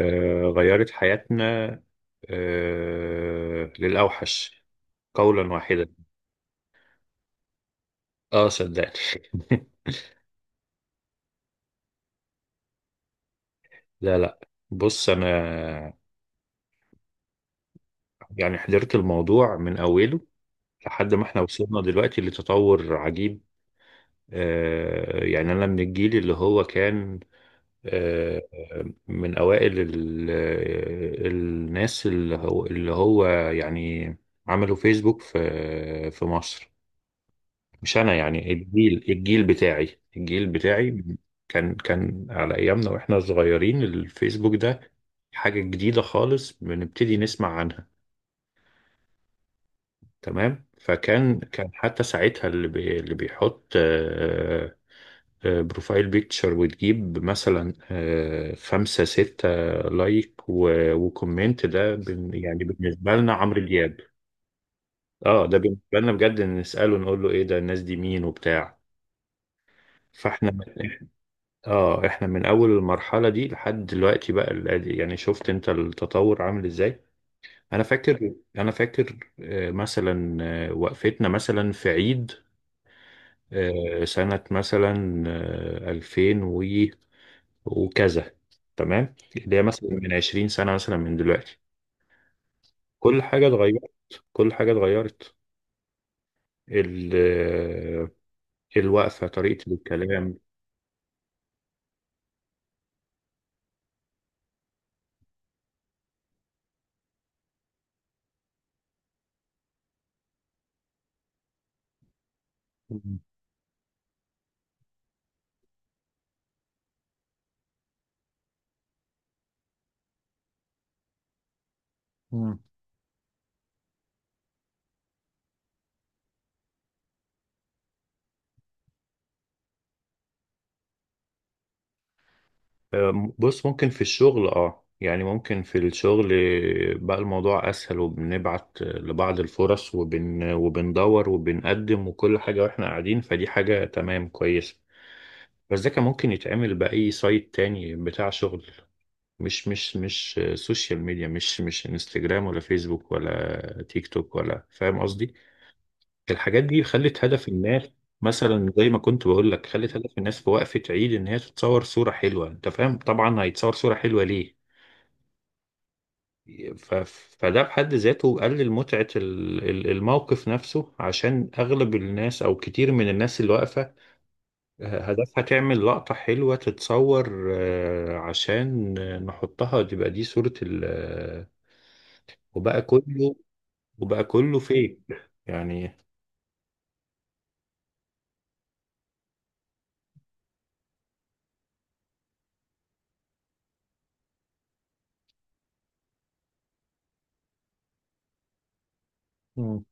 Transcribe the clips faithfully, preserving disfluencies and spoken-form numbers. آه، غيرت حياتنا. آه، للأوحش قولا واحدا. اه، صدقني. لا، لا. بص، انا يعني حضرت الموضوع من اوله لحد ما احنا وصلنا دلوقتي لتطور عجيب. آه يعني انا من الجيل اللي هو كان، آه من اوائل ال- آه، الناس اللي هو اللي هو يعني عملوا فيسبوك في في مصر. مش انا يعني، الجيل الجيل بتاعي الجيل بتاعي كان كان على ايامنا واحنا صغيرين، الفيسبوك ده حاجة جديدة خالص بنبتدي نسمع عنها. تمام، فكان كان حتى ساعتها اللي بي اللي بيحط آه، آه، بروفايل بيكتشر، وتجيب مثلا آه، خمسة ستة لايك و- وكومنت. ده بن- يعني بالنسبة لنا عمرو دياب. اه ده بالنسبة لنا بجد، نسأله نقول له ايه ده، الناس دي مين وبتاع. فاحنا اه احنا من اول المرحله دي لحد دلوقتي بقى، ال- يعني شفت انت التطور عامل ازاي. انا فاكر انا فاكر آه، مثلا، آه، وقفتنا مثلا في عيد، آه، سنه مثلا آه، ألفين و- وكذا، تمام. اللي هي مثلا من عشرين سنه مثلا من دلوقتي. كل حاجه اتغيرت، كل حاجه اتغيرت. ال- آه، الوقفه، طريقه الكلام. مم. أم، بص، ممكن في الشغل، اه يعني ممكن في الشغل بقى الموضوع اسهل، وبنبعت لبعض الفرص وبن وبندور وبنقدم وكل حاجة واحنا قاعدين، فدي حاجة تمام كويسة. بس ده كان ممكن يتعمل بأي سايت تاني بتاع شغل، مش مش مش سوشيال ميديا، مش مش انستجرام ولا فيسبوك ولا تيك توك، ولا فاهم قصدي؟ الحاجات دي خلت هدف الناس، مثلا زي ما كنت بقول لك، خلت هدف الناس في وقفة عيد ان هي تتصور صورة حلوة. انت فاهم طبعا، هيتصور صورة حلوة ليه؟ ف... فده بحد ذاته قلل متعة ال- ال- الموقف نفسه، عشان أغلب الناس أو كتير من الناس اللي واقفة آه، هدفها تعمل لقطة حلوة، تتصور آه، عشان نحطها، تبقى دي صورة ال آه، وبقى كله وبقى كله فيك، يعني. مم.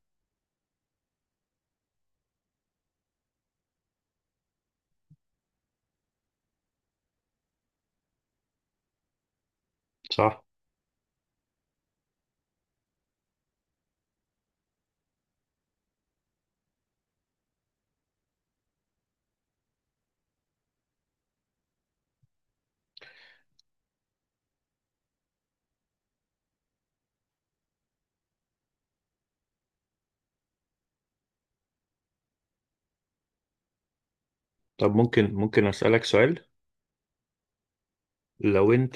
صح. طب، ممكن ممكن أسألك سؤال. لو أنت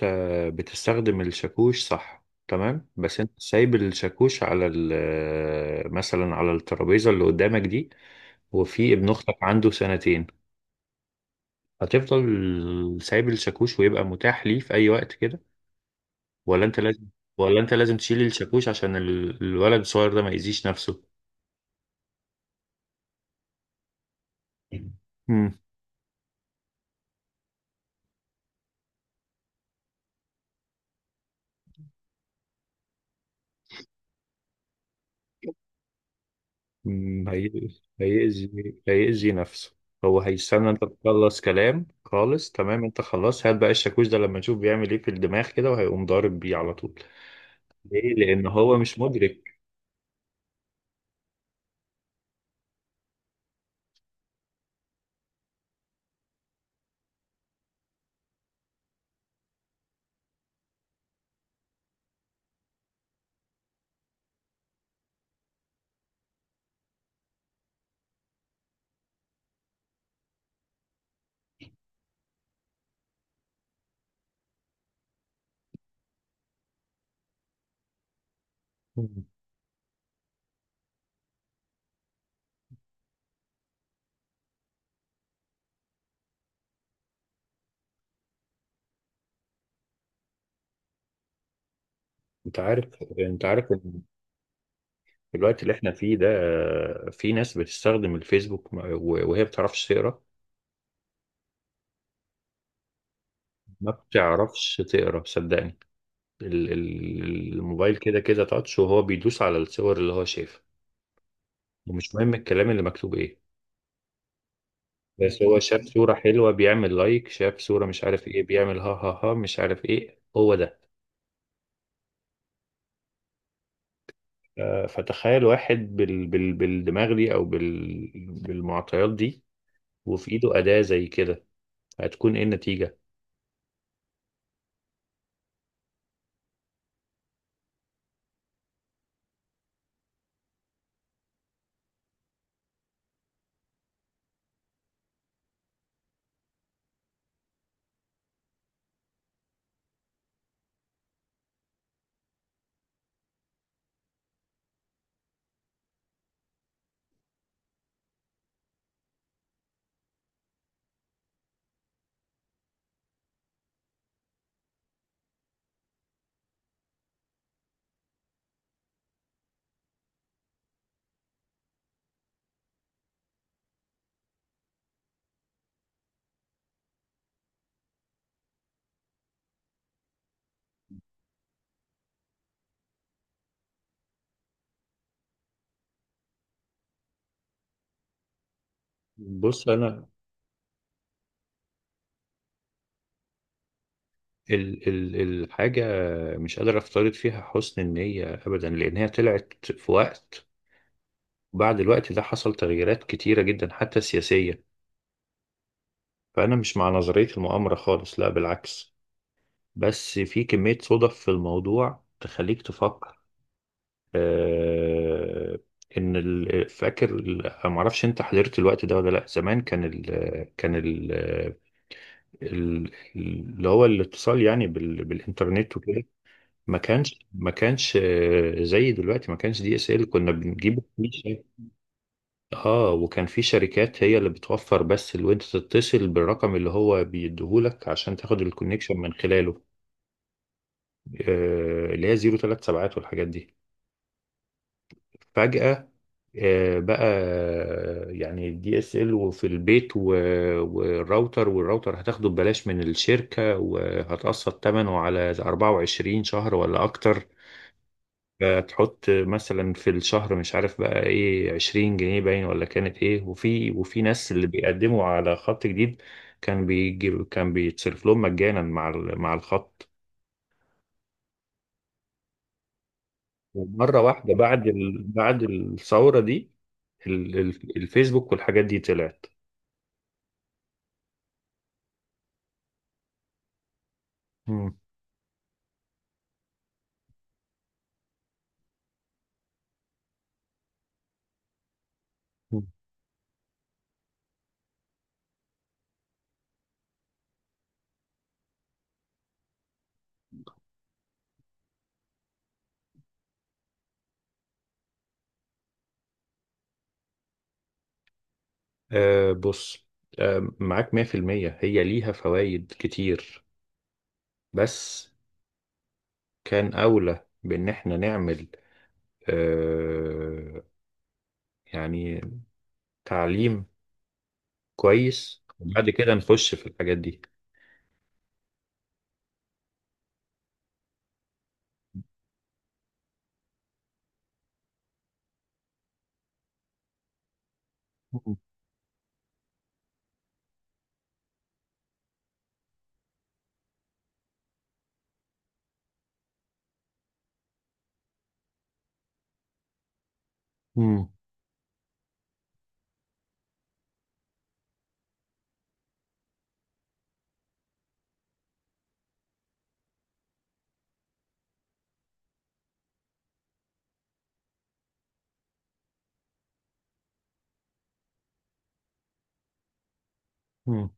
بتستخدم الشاكوش صح، تمام، بس أنت سايب الشاكوش على ال- آه، مثلا على الترابيزة اللي قدامك دي، وفي ابن اختك عنده سنتين، هتفضل سايب الشاكوش ويبقى متاح ليه في اي وقت كده، ولا انت لازم ولا انت لازم تشيل الشاكوش عشان ال- الولد الصغير ده ما يأذيش نفسه؟ امم أمم، هي- هيأذي هيأذي نفسه. هو هيستنى انت تخلص كلام خالص؟ تمام، انت خلاص هات بقى الشاكوش ده لما نشوف بيعمل ايه في الدماغ كده، وهيقوم ضارب بيه على طول. ليه؟ لان هو مش مدرك. أمم. انت عارف انت عارف، في الوقت اللي احنا فيه ده آه، في ناس بتستخدم الفيسبوك م- و- وهي بتعرفش تقرا. ما بتعرفش تقرا، صدقني. ال- ال- الموبايل كده كده تاتش، وهو بيدوس على الصور اللي هو شايفها، ومش مهم الكلام اللي مكتوب ايه. بس هو شاف صورة حلوة بيعمل لايك، شاف صورة مش عارف ايه بيعمل ها ها ها، مش عارف ايه هو ده. آه، فتخيل واحد بال بال بالدماغ دي او بال بالمعطيات دي، وفي ايده أداة زي كده، هتكون ايه النتيجة؟ بص، انا ال ال الحاجة مش قادر أفترض فيها حسن النية أبدا، لأن هي طلعت في وقت، بعد الوقت ده حصل تغييرات كتيرة جدا حتى سياسية. فأنا مش مع نظرية المؤامرة خالص، لا بالعكس، بس في كمية صدف في الموضوع تخليك تفكر. آه إن ال- فاكر ال- معرفش أنت حضرت الوقت ده ولا لأ. زمان كان ال كان ال ال- اللي هو الاتصال يعني بال بالإنترنت وكده، ما كانش ما كانش آه، زي دلوقتي، ما كانش دي اس ال كنا بنجيبه في شركة. اه وكان في شركات هي اللي بتوفر، بس اللي انت تتصل بالرقم اللي هو بيديهولك عشان تاخد الكونكشن من خلاله، آه اللي هي صفر تلاتة سبعة والحاجات دي. فجأة، آه بقى آه، يعني دي اس ال وفي البيت و- والراوتر والراوتر هتاخده ببلاش من الشركة، وهتقسط ثمنه على اربعه وعشرين شهر ولا اكتر. تحط مثلا في الشهر، مش عارف بقى ايه، عشرين جنيه باين ولا كانت ايه. وفي وفي ناس اللي بيقدموا على خط جديد كان بيجي كان بيتصرف لهم مجانا مع ال- مع الخط. ومرة واحدة بعد ال... بعد الثورة دي، ال... ال- الفيسبوك والحاجات دي طلعت. مم. مم. آه، بص، آه معاك مئة في المئة. هي ليها فوائد كتير، بس كان أولى بإن احنا نعمل آه يعني تعليم كويس، وبعد كده نخش في الحاجات دي. مم. مم.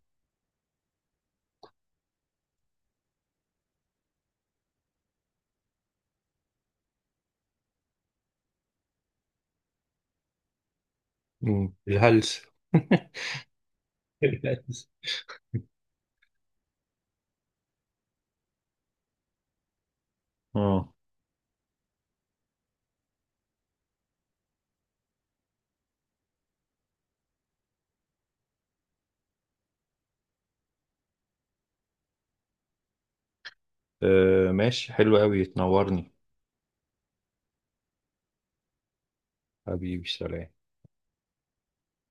مم. الهلس. الهلس. اه. آه، ماشي، حلو قوي، تنورني. حبيبي، سلام.